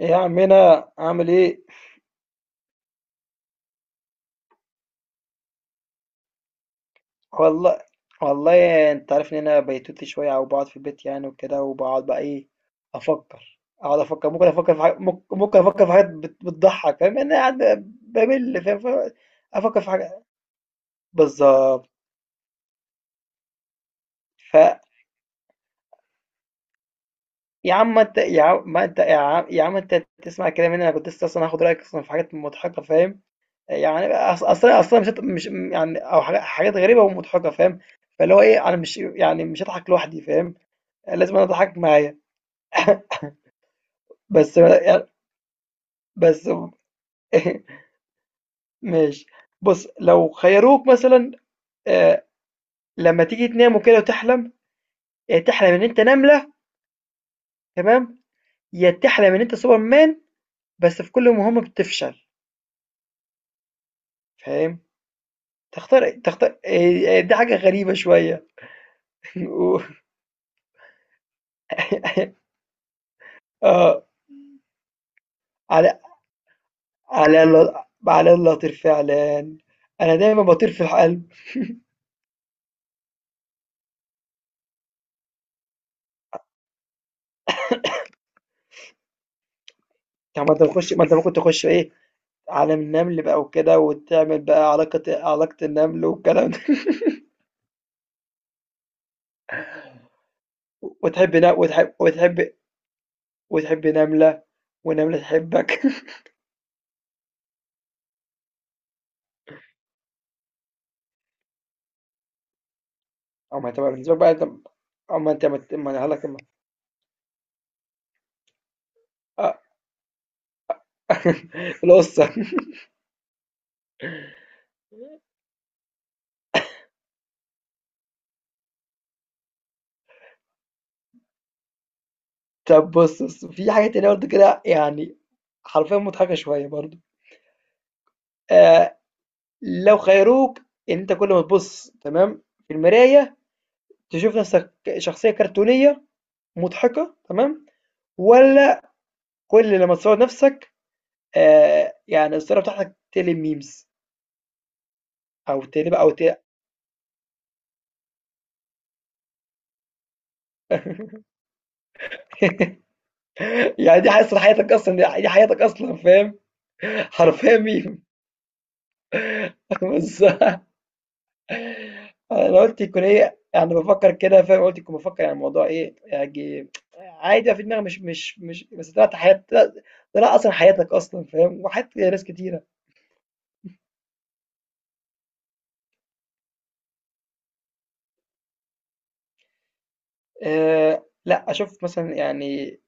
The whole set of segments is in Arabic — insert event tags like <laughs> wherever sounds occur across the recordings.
ايه يا عمنا عامل ايه؟ والله والله انت عارف ان انا بيتوتي شويه، او بقعد في البيت يعني وكده، وبقعد بقى ايه، افكر، اقعد افكر، ممكن افكر في حاجات، ممكن افكر في حاجات بتضحك. فاهم انا قاعد بمل؟ فاهم؟ افكر في حاجه. بالظبط. ف يا عم انت، يا عم ما انت يا عم يا عم انت تسمع كده مني، انا كنت لسه اصلا هاخد رايك اصلا في حاجات مضحكه فاهم. يعني اصلا مش يعني، او حاجات غريبه ومضحكه فاهم. فاللي هو ايه، انا مش يعني، مش هضحك لوحدي فاهم، لازم أنا أضحّاك معايا. <laughs> بس يعني بس <laughs> ماشي. بُص، لو خيّروك مثلًا، آآ لمّا تيجي تنام وكده وتحلم، يا تحلم إن أنت نملة، تمام، يا تحلم إن أنت Superman، بس في كل مهمة بتفشل، فاهم؟ تختار دي حاجة غريبة شوية. <laughs> و آه، على على ال على الله أطير فعلًا، أنا دايمًا باطير في القلب. طب ما أنت بتخش، ما أنت ممكن تخش إيه، عالم النمل بقى وكده، وتعمل بقى علاقة، النمل والكلام ده. <laughs> وتحب وتحب نملة، ونملة تحبك. <laughs> أو ما تبقى بالنسبة لك بقى. طب، أو ما أنت ما ت- ما أنا هقولك آه. <laughs> القصة. طب بص في حاجة تانية برضه كده يعني، حرفيا مضحكة شوية برضه. آه، لو خيروك إن أنت كل ما تبص، تمام، في المراية، تشوف نفسك شخصية كرتونية مضحكة، تمام، ولا كل لما تصور نفسك يعني الصورة بتاعتك تقلب memes، أو تقلب أو ت <laughs> يعني دي أصلًا حياتك أصلًا، دي حياتك أصلًا فاهم، حرفيًا meme. <laughs> بس أنا قُلت يكون إيه، يعني بافكّر كده فاهم، قُلت يكون بافكّر يعني الموضوع إيه، يعني عادي بقى في دماغي، مش بس طلعت حياة، طلع أصلًا حياتك أصلًا فاهم، وحياة ناس كتيرة. لأ أشوف مثلًا يعني،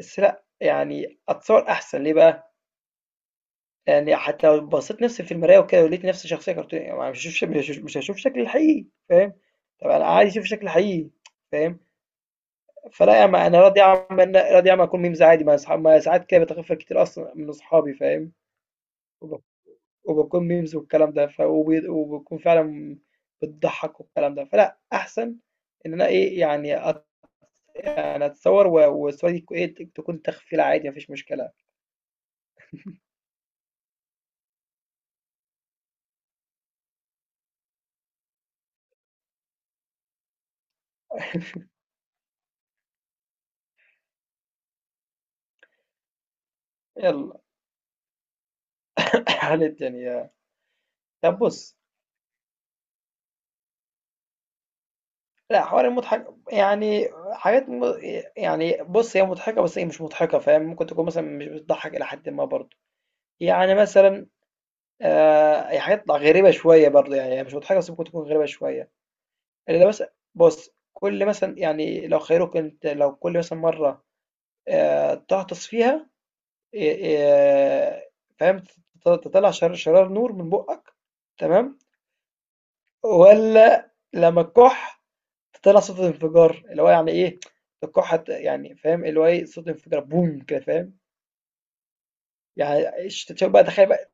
بس لأ، يعني أتصور أحسن ليه بقى؟ يعني حتى لو بصّيت نفسي في المراية وكده، ولقيت نفسي شخصية كرتونية، ما مش هاشوف شكلي الحقيقي فاهم، طَب أنا عايز أشوف شكلي الحقيقي فاهم، فلأ، ما أنا راضي أعمل أكون memes عادي، ما أصحا، ما ساعات كده باتغفل كتير أصلًا من أصحابي فاهم، وب وباكون memes والكلام ده، ف وب وباكون فعلًا بتضحّك والكلام ده، فلأ أحسن إن أنا إيه يعني يعني أتصوّر، والصورة دي تكون تخفيلة عادي ما فيش مشكلة، يالّا هانت. <laughs> يعني طَب بُص، لأ حوار مضحك يعني، حاجات م يعني بُص هي مضحكة بس هي مش مضحكة فاهم، ممكن تكون مثلًا مش بتضحّك إلى حدٍ ما برضه، يعني مثلًا هي حاجات غريبة شوية برضه، يعني هي مش مضحكة بس ممكن تكون غريبة شوية، اللي مثلًا بُص، كل مثلًا يعني لو خيروك أنت، لو كل مثلًا مرة تغطس فيها، آآ فاهم، تطلّع شرار نور من بُقّك، تمام، والّا لمّا فطلع صوت الانفجار، اللي هو يعني إيه، القاعة ت يعني فاهم، اللي هو إيه، صوت انفجار بوم كده فاهم، يعني تشوف بقى، تخيل بقى،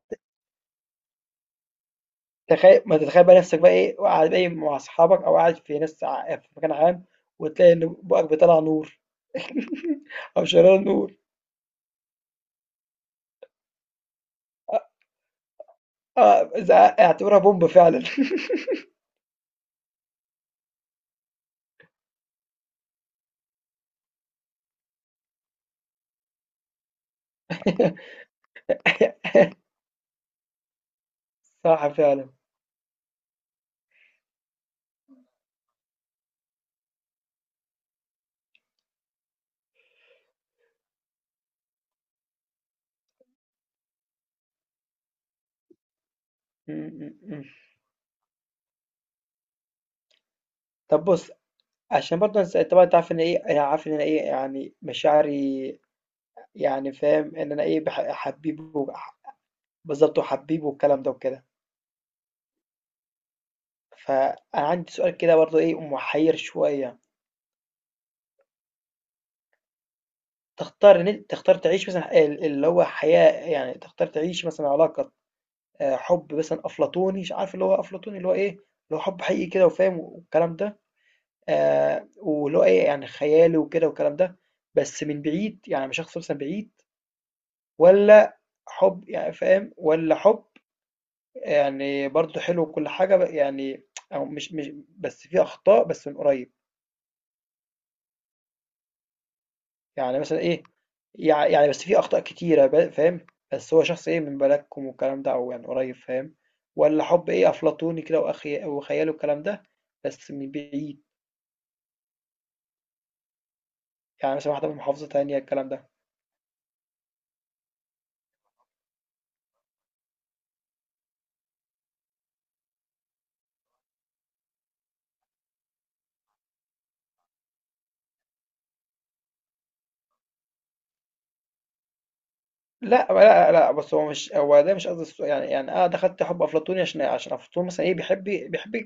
تخيل، ما تتخيل بقى نفسك بقى إيه، قاعد بقى إيه مع أصحابك، أو قاعد في ناس في مكان عام، وتلاقي إن بُقك بيطلّع نور أو شرارة نور، آه، إذا اعتبرها بومب فعلًا. <laughs> صح فعلًا. إمم، إمم، إمم. طب بُص، عشان برضه أنت طبعًا أنت عارف إن إيه، أنا عارف إن أنا إيه، يعني مشاعري، يعني فاهم، إن أنا إيه، حبيب بالضبط، وحبيب والكلام ده وكده. فأنا عندي سؤال كده برضه إيه، محيّر شوية، تختار إن أنت تعيش مثلًا اللي هو حياة، يعني تختار تعيش مثلًا علاقة، حُب مثلًا أفلاطوني، عارف اللي هو أفلاطوني، اللي هو إيه، اللي هو حُب حقيقي كده، وفاهم والكلام ده، واللي هو إيه يعني خيالي وكده والكلام ده، بس من بعيد، يعني من شخص مثلًا بعيد، والّا حُب يعني فاهم، والّا حُب يعني برضه حلو، وكل حاجة يعني، أو مش، بس في أخطاء بس من قريب؟ يعني مثلا إيه، يعني بس في أخطاء كتيرة فاهم، بس هو شخص إيه من بلدكم والكلام ده، أو يعني قريب فاهم، ولا حب إيه أفلاطوني كده، وأخي وخياله الكلام ده بس من بعيد، يعني مثلا واحدة من محافظة تانية الكلام ده. لا بس هو مش، هو ده مش قصدي السؤال. يعني أنا دخلت حب أفلاطوني عشان أفلاطون مثلا إيه بيحب،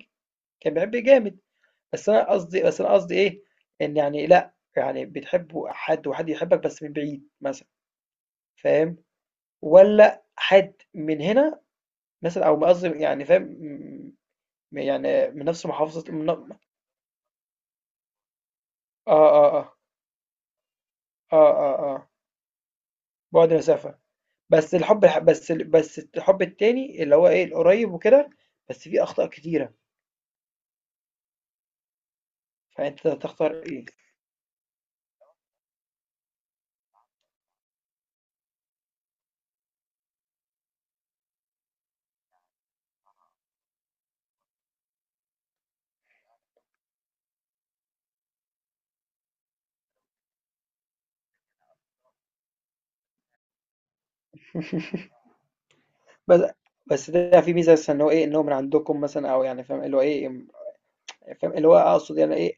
كان بيحب جامد، بس أنا قصدي، إيه، إن يعني لا، يعني بتحب حد وحد يحبك بس من بعيد مثلا فاهم، ولا حد من هنا مثلًا، أو قصدي يعني فاهم، يعني من نفس محافظة من آه، آه، آه، آه، آه، آه، بُعد مسافة، بس الحُب الح بس ال بس الحُب التاني اللي هو إيه، القريّب وكده، بس فيه أخطاء كتيرة، فأنت تختار إيه؟ بس بس ده فيه ميزة مثلًا إن هو إيه، إن هو من عندكم مثلًا، أو يعني فاهم اللي هو إيه، فاهم اللي هو أقصد يعني إيه،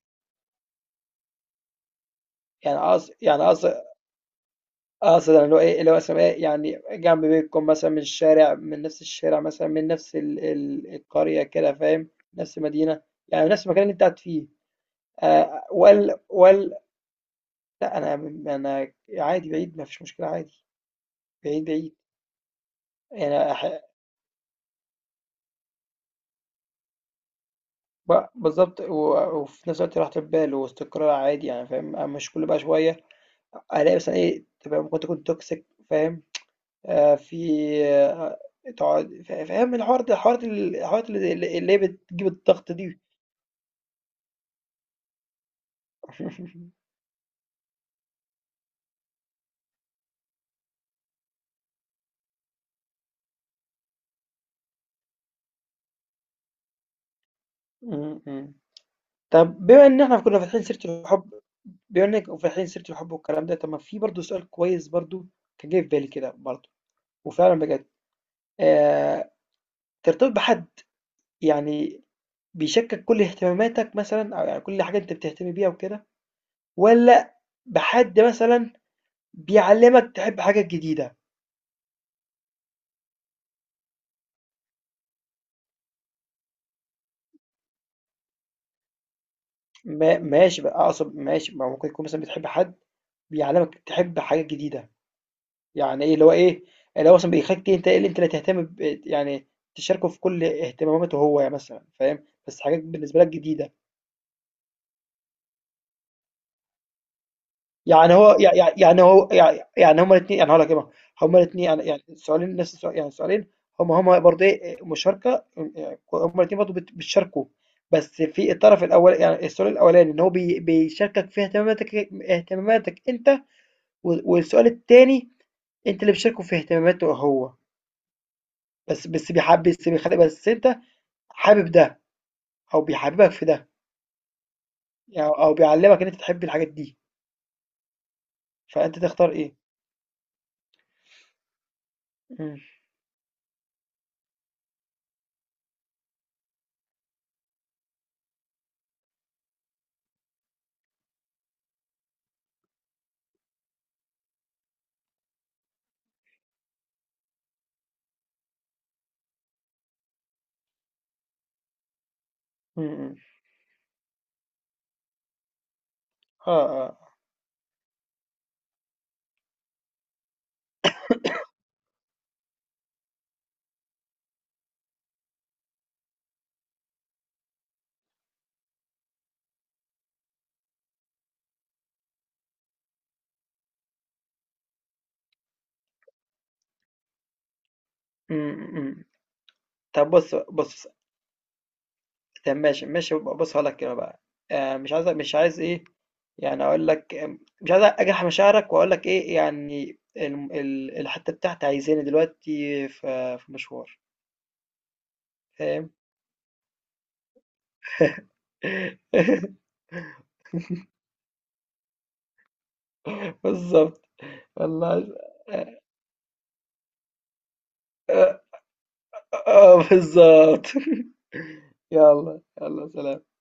يعني يعني أقصد اللي هو إيه، اللي هو مثلًا إيه، يعني جنب بيتكم مثلًا، من الشارع، من نفس الشارع مثلًا، من نفس ال ال القرية كده فاهم، نفس المدينة، يعني نفس المكان اللي أنت قاعد فيه. وال وال لأ أنا أنا عادي، بعيد ما فيش مشكلة عادي، بعيد، يعني بالضبط، و وفي نفس الوقت راحة البال واستقرار عادي يعني فاهم، مش كل بقى شوية ألاقي مثلًا إيه، طب أنا ممكن تكون toxic فاهم؟ آه، في آه، تقعد فاهم الحوار ده، الحوارات اللي هي بتجيب الضغط دي. <laughs> م- م. طب بما ان احنا كنا فاتحين سيرة الحب، بما انك فاتحين سيرة الحب والكلام ده، طب ما في برضه سؤال كويس برضه كان جاي في بالي كده برضه، وفعلا بجد، آه، ترتبط بحد يعني بيشكك كل اهتماماتك مثلا، او يعني كل حاجة انت بتهتم بيها وكده، ولا بحد مثلا بيعلمك تحب حاجة جديدة. ما ماشي بقى، اقصد ماشي، ما ممكن يكون مثلا بتحب حد بيعلمك تحب حاجات جديده، يعني ايه اللي هو ايه، اللي هو مثلا بيخليك انت ايه اللي انت لا تهتم ب... يعني تشاركه في كل اهتماماته هو، يعني مثلا فاهم بس حاجات بالنسبه لك جديده. يعني هو يعني هو يعني هما الاثنين، يعني هقول لك ايه بقى، هما الاثنين يعني، يعني السؤالين نفس السؤال، يعني السؤالين هما هما برضه ايه، مشاركه يعني، هما الاثنين برضه بتشاركوا، بس في الطرف الاول يعني السؤال الاولاني ان هو بيشاركك في اهتماماتك، انت، والسؤال التاني أنت اللي بتشاركه في اهتماماته هو، بس بس بيحب بس بيخلّي بس أنت حابب ده، أو بيحببك في ده، يعني أو بيعلّمك إن أنت تحب الحاجات دي، فأنت تختار إيه؟ إمم، إمم، إمم، آه، آه، إمم، إمم، طب بُص طب ماشي، بُص هاقول لك كده بقى، مش عايز إيه، يعني أقول لك مش عايز أجرح مشاعرك، وأقول لك إيه، يعني الم ال الحتّة بتاعتي عايزاني دلوقتي في مشوار، فاهم؟ <laughs> بالضبط. والله <laughs> آه, آه, آه بالظبط <laughs> يلا سلام.